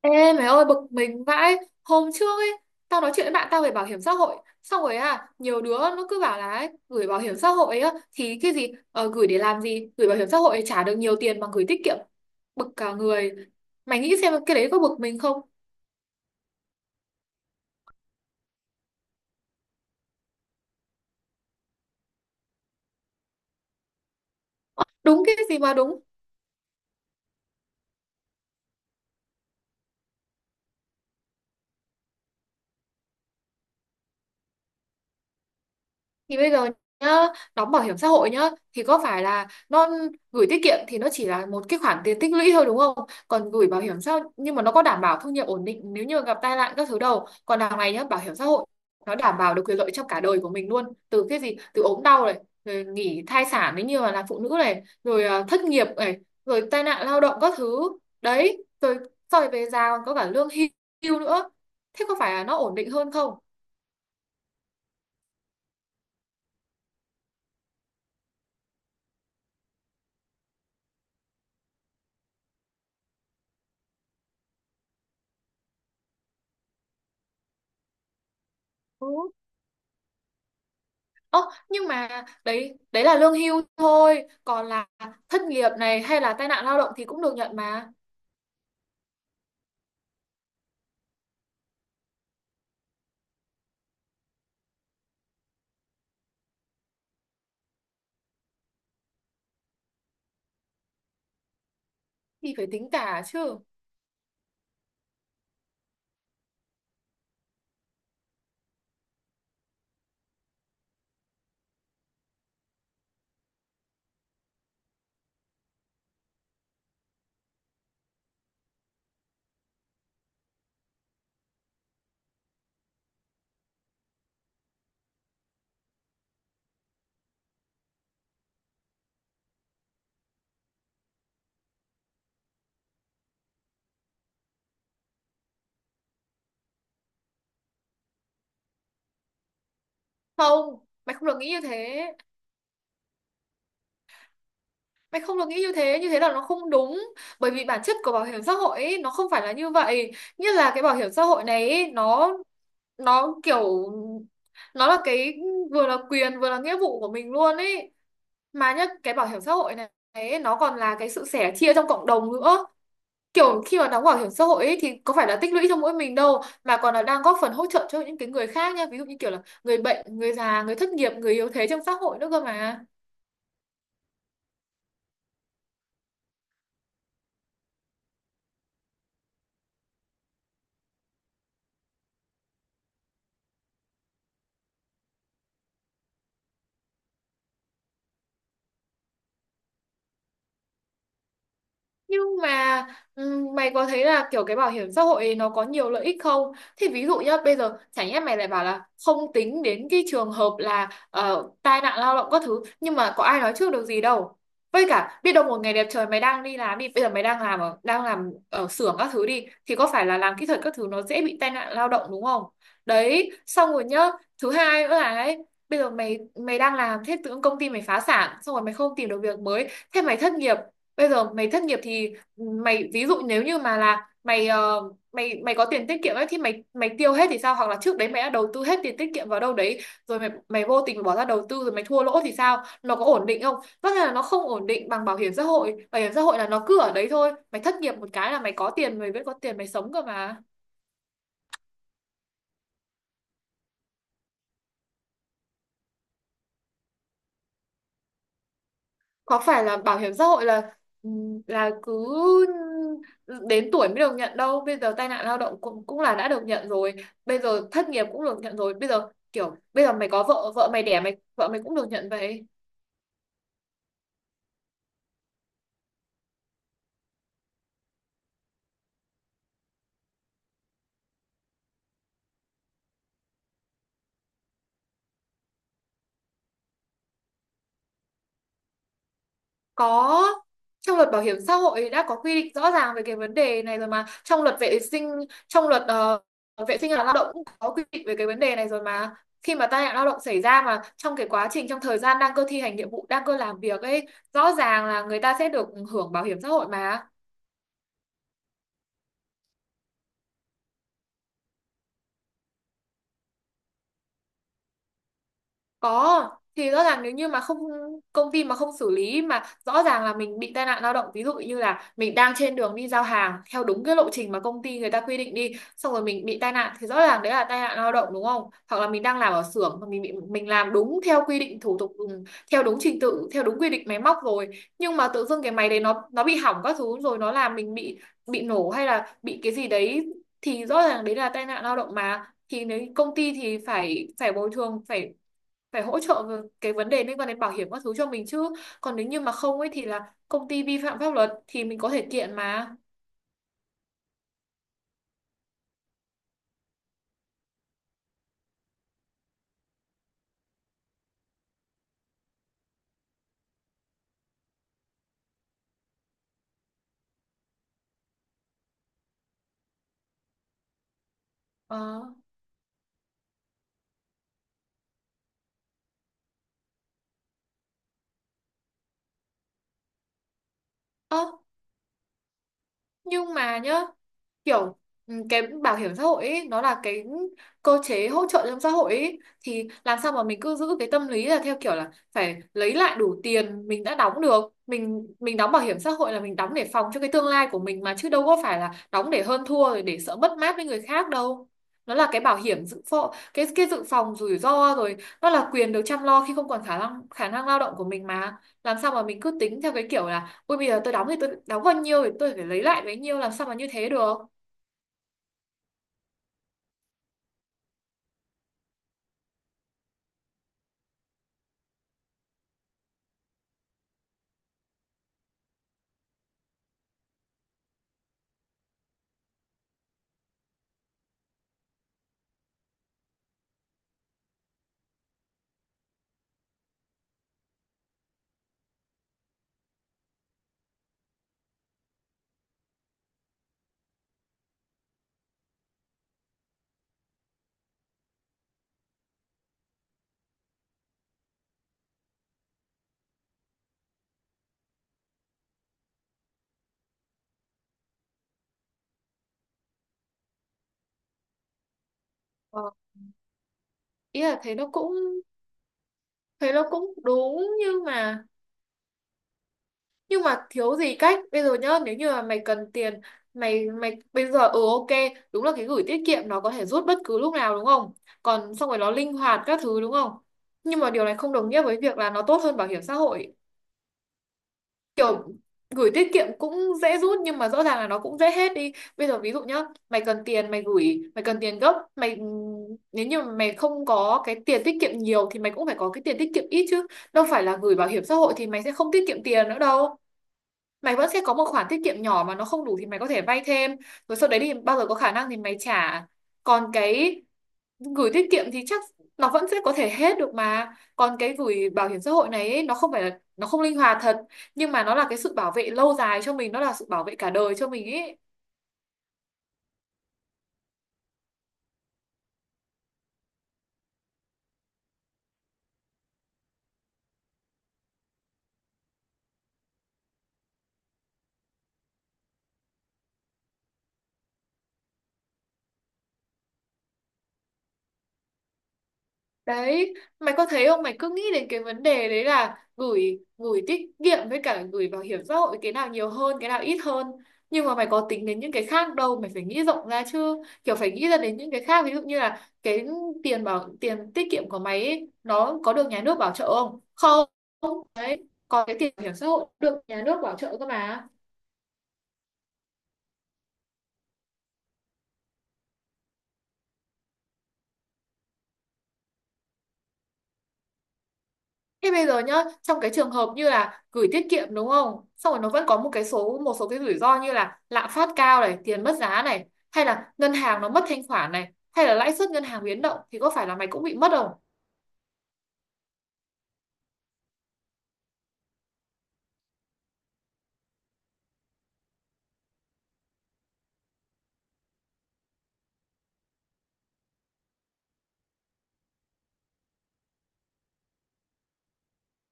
Ê mày ơi, bực mình vãi. Hôm trước ấy, tao nói chuyện với bạn tao về bảo hiểm xã hội. Xong rồi à, nhiều đứa nó cứ bảo là ấy, gửi bảo hiểm xã hội á thì cái gì, gửi để làm gì, gửi bảo hiểm xã hội trả được nhiều tiền bằng gửi tiết kiệm. Bực cả người. Mày nghĩ xem cái đấy có bực mình không? Đúng cái gì mà đúng! Thì bây giờ nhá, đóng bảo hiểm xã hội nhá, thì có phải là nó gửi tiết kiệm thì nó chỉ là một cái khoản tiền tích lũy thôi đúng không? Còn gửi bảo hiểm xã hội nhưng mà nó có đảm bảo thu nhập ổn định nếu như gặp tai nạn các thứ đâu. Còn đằng này nhá, bảo hiểm xã hội nó đảm bảo được quyền lợi trong cả đời của mình luôn. Từ cái gì? Từ ốm đau này, rồi nghỉ thai sản nếu như mà là phụ nữ này, rồi thất nghiệp này, rồi tai nạn lao động các thứ. Đấy, rồi sau này về già còn có cả lương hưu nữa. Thế có phải là nó ổn định hơn không? Ừ. Ơ, nhưng mà đấy đấy là lương hưu thôi, còn là thất nghiệp này hay là tai nạn lao động thì cũng được nhận mà, thì phải tính cả chứ. Không, mày không được nghĩ như thế. Mày không được nghĩ như thế là nó không đúng. Bởi vì bản chất của bảo hiểm xã hội ấy, nó không phải là như vậy. Như là cái bảo hiểm xã hội này ấy, nó kiểu nó là cái vừa là quyền vừa là nghĩa vụ của mình luôn ấy. Mà nhất cái bảo hiểm xã hội này ấy, nó còn là cái sự sẻ chia trong cộng đồng nữa. Kiểu khi mà đóng bảo hiểm xã hội ấy, thì có phải là tích lũy cho mỗi mình đâu, mà còn là đang góp phần hỗ trợ cho những cái người khác nha, ví dụ như kiểu là người bệnh, người già, người thất nghiệp, người yếu thế trong xã hội nữa cơ mà. Nhưng mà mày có thấy là kiểu cái bảo hiểm xã hội ấy nó có nhiều lợi ích không? Thì ví dụ nhá, bây giờ chẳng nhẽ mày lại bảo là không tính đến cái trường hợp là tai nạn lao động các thứ, nhưng mà có ai nói trước được gì đâu. Với cả biết đâu một ngày đẹp trời mày đang đi làm đi, bây giờ mày đang làm ở xưởng các thứ đi thì có phải là làm kỹ thuật các thứ nó dễ bị tai nạn lao động đúng không? Đấy, xong rồi nhá, thứ hai nữa là đấy, bây giờ mày mày đang làm thế tự dưng công ty mày phá sản, xong rồi mày không tìm được việc mới, thế mày thất nghiệp. Bây giờ mày thất nghiệp thì mày ví dụ nếu như mà là mày ờ, mày mày có tiền tiết kiệm ấy thì mày mày tiêu hết thì sao, hoặc là trước đấy mày đã đầu tư hết tiền tiết kiệm vào đâu đấy, rồi mày mày vô tình bỏ ra đầu tư rồi mày thua lỗ thì sao, nó có ổn định không? Tất nhiên là nó không ổn định bằng bảo hiểm xã hội. Bảo hiểm xã hội là nó cứ ở đấy thôi, mày thất nghiệp một cái là mày có tiền, mày vẫn có tiền mày sống cơ mà. Có phải là bảo hiểm xã hội là ừ, là cứ đến tuổi mới được nhận đâu, bây giờ tai nạn lao động cũng cũng là đã được nhận rồi, bây giờ thất nghiệp cũng được nhận rồi, bây giờ kiểu bây giờ mày có vợ, vợ mày đẻ mày, vợ mày cũng được nhận vậy. Có, trong luật bảo hiểm xã hội đã có quy định rõ ràng về cái vấn đề này rồi mà. Trong luật vệ sinh, trong luật vệ sinh và lao động cũng có quy định về cái vấn đề này rồi mà. Khi mà tai nạn lao động xảy ra mà trong cái quá trình, trong thời gian đang cơ thi hành nhiệm vụ, đang cơ làm việc ấy, rõ ràng là người ta sẽ được hưởng bảo hiểm xã hội mà. Có, thì rõ ràng nếu như mà không, công ty mà không xử lý mà rõ ràng là mình bị tai nạn lao động, ví dụ như là mình đang trên đường đi giao hàng theo đúng cái lộ trình mà công ty người ta quy định đi, xong rồi mình bị tai nạn thì rõ ràng đấy là tai nạn lao động đúng không? Hoặc là mình đang làm ở xưởng mà mình bị, mình làm đúng theo quy định thủ tục, theo đúng trình tự, theo đúng quy định máy móc rồi, nhưng mà tự dưng cái máy đấy nó bị hỏng các thứ, rồi nó làm mình bị nổ hay là bị cái gì đấy, thì rõ ràng đấy là tai nạn lao động mà, thì nếu công ty thì phải phải bồi thường, phải phải hỗ trợ về cái vấn đề liên quan đến bảo hiểm các thứ cho mình chứ. Còn nếu như mà không ấy thì là công ty vi phạm pháp luật, thì mình có thể kiện mà. Ờ. Ơ, nhưng mà nhá, kiểu cái bảo hiểm xã hội ấy, nó là cái cơ chế hỗ trợ trong xã hội ấy, thì làm sao mà mình cứ giữ cái tâm lý là theo kiểu là phải lấy lại đủ tiền mình đã đóng được. Mình đóng bảo hiểm xã hội là mình đóng để phòng cho cái tương lai của mình mà, chứ đâu có phải là đóng để hơn thua rồi để sợ mất mát với người khác đâu. Nó là cái bảo hiểm dự phòng, cái dự phòng rủi ro rồi, nó là quyền được chăm lo khi không còn khả năng lao động của mình mà. Làm sao mà mình cứ tính theo cái kiểu là ui bây giờ tôi đóng thì tôi đóng bao nhiêu thì tôi phải lấy lại bấy nhiêu, làm sao mà như thế được? ờ, Ý là thế nó cũng, thế nó cũng đúng, nhưng mà thiếu gì cách. Bây giờ nhá, nếu như mà mày cần tiền, mày mày bây giờ ừ ok, đúng là cái gửi tiết kiệm nó có thể rút bất cứ lúc nào đúng không, còn xong rồi nó linh hoạt các thứ đúng không, nhưng mà điều này không đồng nghĩa với việc là nó tốt hơn bảo hiểm xã hội. Kiểu gửi tiết kiệm cũng dễ rút, nhưng mà rõ ràng là nó cũng dễ hết đi. Bây giờ ví dụ nhá, mày cần tiền, mày gửi, mày cần tiền gấp, mày nếu như mà mày không có cái tiền tiết kiệm nhiều thì mày cũng phải có cái tiền tiết kiệm ít chứ, đâu phải là gửi bảo hiểm xã hội thì mày sẽ không tiết kiệm tiền nữa đâu. Mày vẫn sẽ có một khoản tiết kiệm nhỏ, mà nó không đủ thì mày có thể vay thêm, rồi sau đấy thì bao giờ có khả năng thì mày trả. Còn cái gửi tiết kiệm thì chắc nó vẫn sẽ có thể hết được mà, còn cái gửi bảo hiểm xã hội này ấy, nó không phải là, nó không linh hoạt thật, nhưng mà nó là cái sự bảo vệ lâu dài cho mình, nó là sự bảo vệ cả đời cho mình ấy. Đấy, mày có thấy không, mày cứ nghĩ đến cái vấn đề đấy là gửi gửi tiết kiệm với cả gửi bảo hiểm xã hội cái nào nhiều hơn cái nào ít hơn, nhưng mà mày có tính đến những cái khác đâu. Mày phải nghĩ rộng ra chứ, kiểu phải nghĩ ra đến những cái khác, ví dụ như là cái tiền tiết kiệm của mày ấy, nó có được nhà nước bảo trợ không? Không. Còn cái tiền bảo hiểm xã hội được nhà nước bảo trợ cơ mà. Thế bây giờ nhá, trong cái trường hợp như là gửi tiết kiệm đúng không, xong rồi nó vẫn có một số cái rủi ro như là lạm phát cao này, tiền mất giá này, hay là ngân hàng nó mất thanh khoản này, hay là lãi suất ngân hàng biến động, thì có phải là mày cũng bị mất không?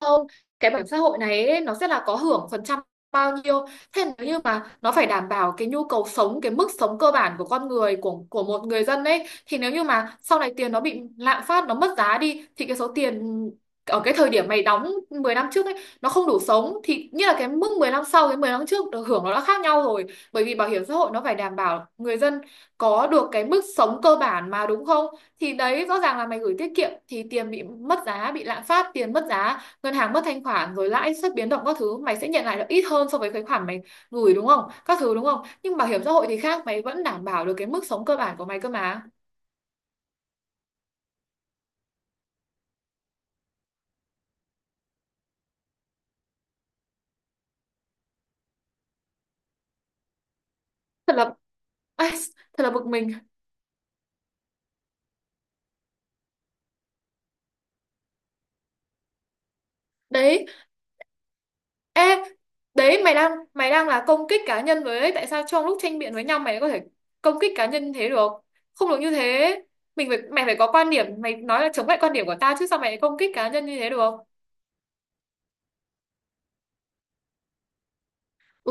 Không, cái bảo hiểm xã hội này ấy, nó sẽ là có hưởng phần trăm bao nhiêu, thế nếu như mà nó phải đảm bảo cái nhu cầu sống, cái mức sống cơ bản của con người, của một người dân ấy, thì nếu như mà sau này tiền nó bị lạm phát, nó mất giá đi, thì cái số tiền ở cái thời điểm mày đóng 10 năm trước ấy nó không đủ sống, thì như là cái mức 10 năm sau, cái 10 năm trước được hưởng nó đã khác nhau rồi. Bởi vì bảo hiểm xã hội nó phải đảm bảo người dân có được cái mức sống cơ bản mà đúng không. Thì đấy, rõ ràng là mày gửi tiết kiệm thì tiền bị mất giá, bị lạm phát, tiền mất giá, ngân hàng mất thanh khoản, rồi lãi suất biến động các thứ, mày sẽ nhận lại được ít hơn so với cái khoản mày gửi đúng không, các thứ đúng không. Nhưng bảo hiểm xã hội thì khác, mày vẫn đảm bảo được cái mức sống cơ bản của mày cơ mà. Thật là ai, thật là bực mình. Đấy, ê, đấy mày đang, mày đang công kích cá nhân với đấy. Tại sao trong lúc tranh biện với nhau mày có thể công kích cá nhân thế được, không được như thế. Mình phải Mày phải có quan điểm, mày nói là chống lại quan điểm của tao chứ, sao mày công kích cá nhân như thế được? Ừ.